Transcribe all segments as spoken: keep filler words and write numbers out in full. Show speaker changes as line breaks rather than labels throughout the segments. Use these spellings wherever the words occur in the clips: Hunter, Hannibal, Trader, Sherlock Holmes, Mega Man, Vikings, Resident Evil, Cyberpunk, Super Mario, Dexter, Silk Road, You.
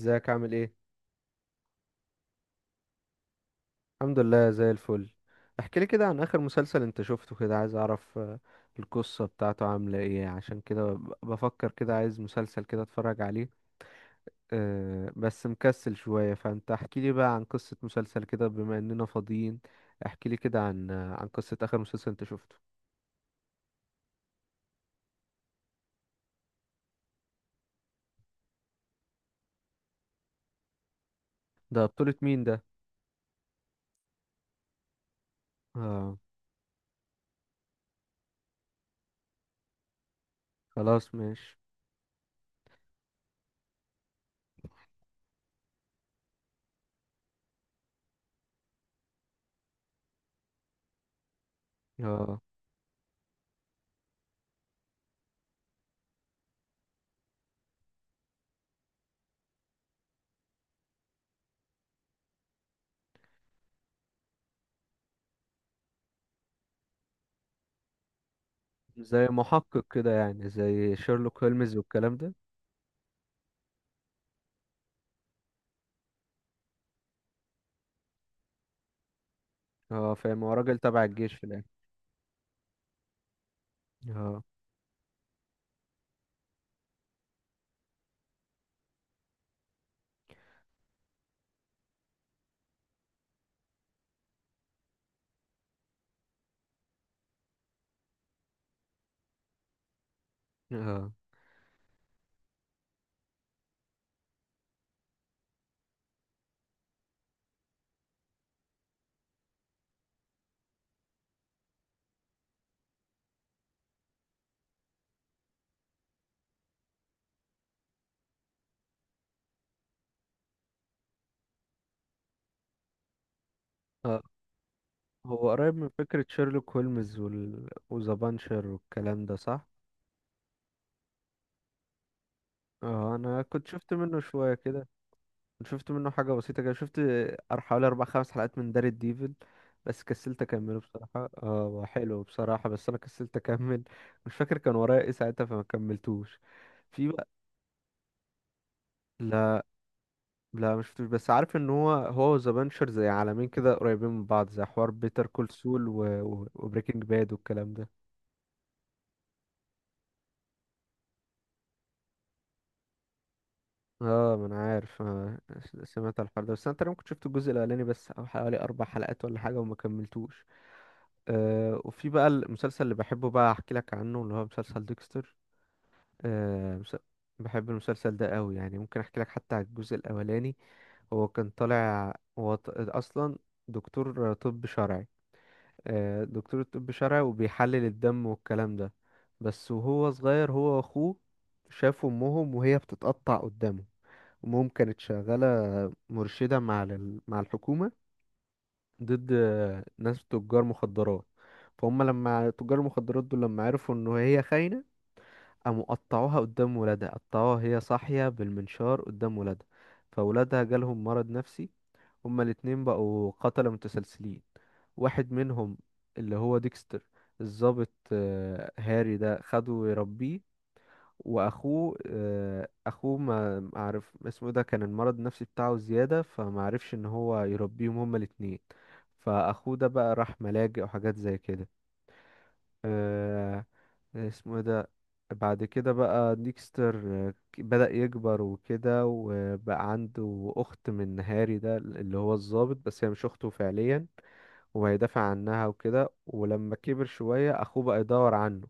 ازيك عامل ايه؟ الحمد لله زي الفل. احكي لي كده عن اخر مسلسل انت شفته، كده عايز اعرف آه، القصة بتاعته عاملة ايه. عشان كده ب- بفكر كده، عايز مسلسل كده اتفرج عليه. أه بس مكسل شوية، فانت احكي لي بقى عن قصة مسلسل كده بما اننا فاضيين. احكي لي كده عن آه، عن قصة اخر مسلسل انت شفته. ده بطولة مين ده؟ اه، خلاص ماشي. اه، زي محقق كده يعني، زي شيرلوك هولمز والكلام ده. اه فاهم، هو راجل تبع الجيش في الاخر. اه. اه. اه، هو قريب من فكرة شيرلوك هولمز وال... وذا بانشر والكلام ده، صح؟ اه انا كنت شفت منه شوية كده، كنت شفت منه حاجة بسيطة كده، شفت أر- حوالي اربع خمس حلقات من دار الديفل، بس كسلت اكمله بصراحة. اه هو حلو بصراحة، بس انا كسلت اكمل مش فاكر كان ورايا ايه ساعتها فما كملتوش. في بقى؟ لا، لا مش شفتوش، بس عارف ان هو هو وذا بانشر زي عالمين كده قريبين من بعض، زي حوار بيتر كول سول و... و... وبريكنج باد والكلام ده. اه ما انا عارف آه، سمعت على الحوار ده، بس انا تقريبا كنت شفت الجزء الاولاني بس، او حوالي اربع حلقات ولا حاجه وما كملتوش. آه وفي بقى المسلسل اللي بحبه، بقى احكي لك عنه، اللي هو مسلسل ديكستر. آه مس... بحب المسلسل ده قوي يعني، ممكن احكي لك حتى على الجزء الاولاني. هو كان طالع، هو ط- اصلا دكتور طب شرعي. آه دكتور طب شرعي وبيحلل الدم والكلام ده. بس وهو صغير، هو واخوه شافوا امهم وهي بتتقطع قدامه. ومهم كانت شغالة مرشدة مع ال- مع الحكومة، ضد ناس تجار مخدرات. فهم لما تجار المخدرات دول لما عرفوا إن هي خاينة، قاموا قطعوها قدام ولادها، قطعوها هي صاحية بالمنشار قدام ولادها. فولادها جالهم مرض نفسي، هما الاتنين بقوا قتلة متسلسلين. واحد منهم اللي هو ديكستر، الضابط آه، هاري ده خده يربيه. واخوه آه، اخوه ما ما عرف اسمه، ده كان المرض النفسي بتاعه زيادة فما عرفش ان هو يربيهم هما الاتنين. فاخوه ده بقى راح ملاجئ وحاجات زي كده. آه، اسمه إيه ده؟ بعد كده بقى ديكستر، آه، ك- بدأ يكبر وكده، وبقى عنده أخت من هاري ده اللي هو الضابط، بس هي مش أخته فعليا. وهيدافع عنها وكده، ولما كبر شوية أخوه بقى يدور عنه.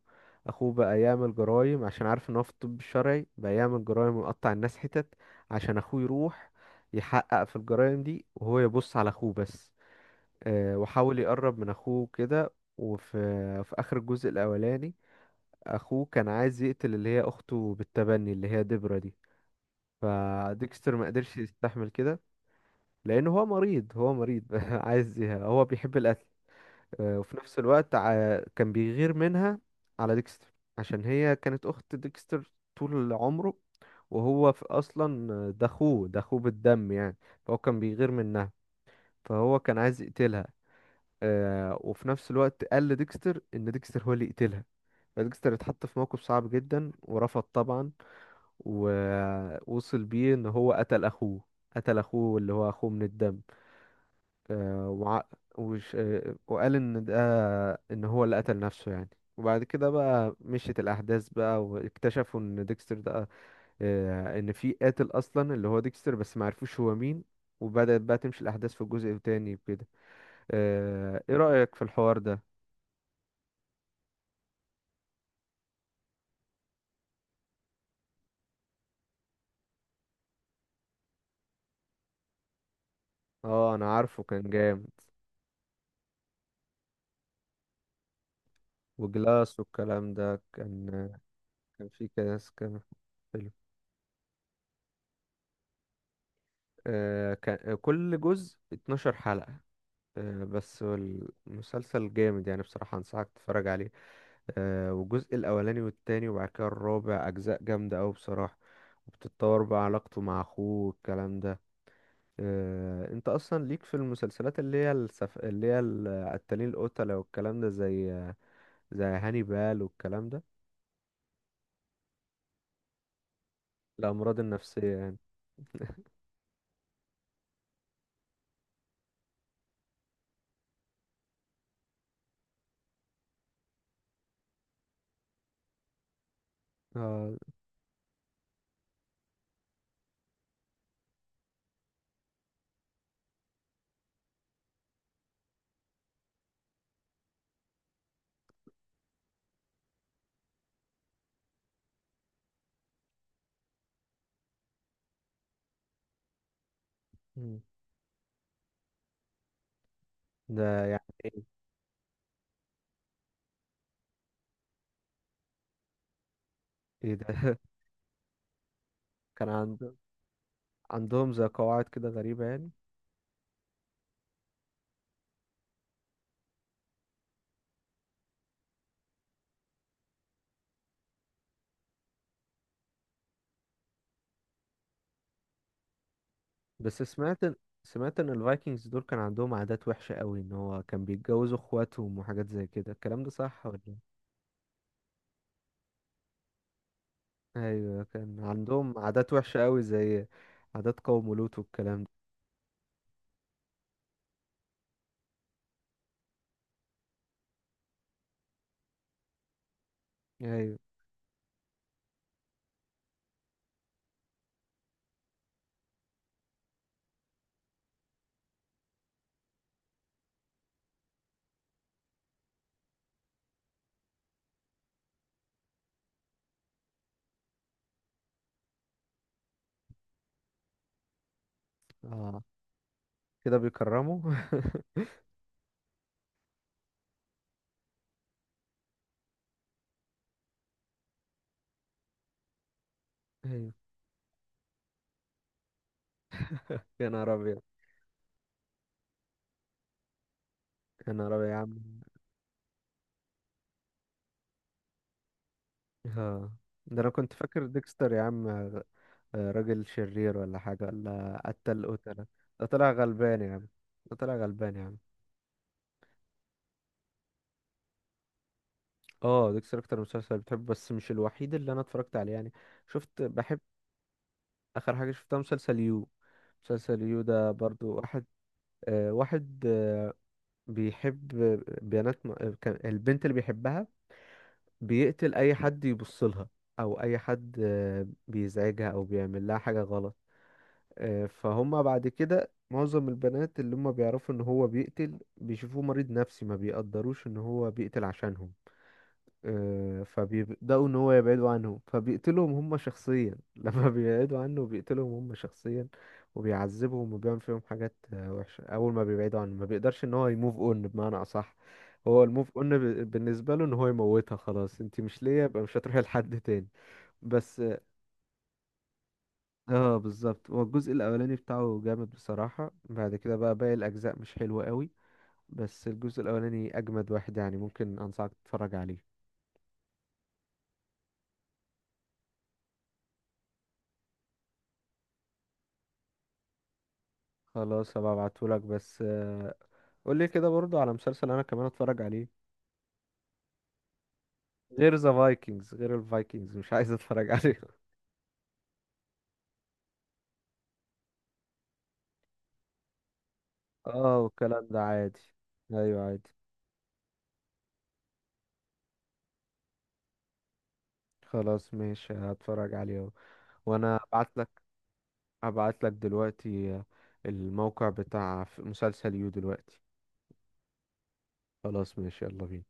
أخوه بقى يعمل جرايم، عشان عارف إن هو في الطب الشرعي، بقى يعمل جرايم ويقطع الناس حتت عشان أخوه يروح يحقق في الجرايم دي وهو يبص على أخوه بس. آه، وحاول يقرب من أخوه كده. وفي في آخر الجزء الأولاني، أخوه كان عايز يقتل اللي هي أخته بالتبني اللي هي ديبرا دي. فديكستر ما قدرش يستحمل كده، لأنه هو مريض، هو مريض عايز، هو بيحب القتل. آه، وفي نفس الوقت ع- كان بيغير منها على ديكستر، عشان هي كانت أخت ديكستر طول عمره، وهو في أصلا ده أخوه، ده أخوه بالدم يعني. فهو كان بيغير منها، فهو كان عايز يقتلها. آه، وفي نفس الوقت قال لديكستر إن ديكستر هو اللي يقتلها. فديكستر اتحط في موقف صعب جدا ورفض طبعا. ووصل بيه إن هو قتل أخوه، قتل أخوه اللي هو أخوه من الدم. آه، وع... وش... آه، وقال ان ده، ان هو اللي قتل نفسه يعني. وبعد كده بقى مشيت الاحداث بقى، واكتشفوا ان ديكستر ده، آه، ان في قاتل اصلا اللي هو ديكستر بس ما عرفوش هو مين. وبدأت بقى تمشي الاحداث في جزء تاني كده. آه، ايه رأيك في الحوار ده؟ اه انا عارفه كان جامد. وجلاس والكلام ده كان، كان في كاس، كان حلو. آه، كان كل جزء اتناشر حلقة. آه، بس هو المسلسل جامد يعني بصراحة، أنصحك تتفرج عليه. آه، والجزء الأولاني والتاني وبعد كده الرابع، أجزاء جامدة أوي بصراحة. وبتتطور بقى علاقته مع أخوه والكلام ده. آه، أنت أصلا ليك في المسلسلات اللي هي السف... اللي هي القتالين القتلة والكلام ده، زي زي هانيبال والكلام ده، الأمراض النفسية يعني. اه. مم. ده يعني ايه؟ إيه ده؟ كان عند... عندهم زي قواعد كده غريبة يعني. بس سمعت إن- سمعت ان الفايكنجز دول كان عندهم عادات وحشة قوي، ان هو كان بيتجوزوا اخواتهم وحاجات زي كده، الكلام ده صح ولا إيه؟ ايوه كان عندهم عادات وحشة قوي، زي عادات قوم لوط والكلام ده. ايوه. اه كده بيكرموا؟ ايوه. يا نهار ابيض. يا نهار ابيض يا عم. اه ده انا كنت فاكر ديكستر يا عم، آه، راجل شرير ولا حاجة ولا قتل قتلة. ده طلع غلبان يا عم، ده طلع غلبان يا عم. اه ديكستر اكتر مسلسل بتحبه، بس مش الوحيد اللي انا اتفرجت عليه يعني. شفت، بحب. اخر حاجة شفتها مسلسل يو، مسلسل يو ده برضو. واحد، آه واحد آه بيحب بنات م... آه، كان البنت اللي بيحبها بيقتل اي حد يبص لها، او اي حد آه بيزعجها او بيعمل لها حاجة غلط. آه فهم بعد كده معظم البنات اللي هم بيعرفوا ان هو بيقتل، بيشوفوه مريض نفسي، ما بيقدروش ان هو بيقتل عشانهم. آه، فبيبدأوا إن هو يبعدوا عنهم، فبيقتلهم هم شخصيا. لما بيبعدوا عنه بيقتلهم هم شخصيا، وبيعذبهم وبيعمل فيهم حاجات آه، وحشة، أول ما بيبعدوا عنه ما بيقدرش إن هو يموف أون بمعنى أصح. هو الموف أون ب- بالنسبة له إن هو يموتها، خلاص أنت مش ليا يبقى مش هتروحي لحد تاني. بس. اه بالظبط، هو الجزء الأولاني بتاعه جامد بصراحة، بعد كده بقى باقي الأجزاء مش حلوة قوي، بس الجزء الأولاني أجمد واحد يعني، ممكن أنصحك تتفرج عليه. خلاص هبقى ابعتهولك، بس آه، قول لي كده برضو على مسلسل انا كمان اتفرج عليه، غير ذا فايكنجز، غير الفايكنجز مش عايز اتفرج عليه. اه والكلام ده عادي، ايوه عادي. خلاص ماشي هتفرج عليه اهو. وانا ابعت لك، ابعت لك دلوقتي الموقع بتاع مسلسل يو دلوقتي. خلاص ماشي، يلا بينا.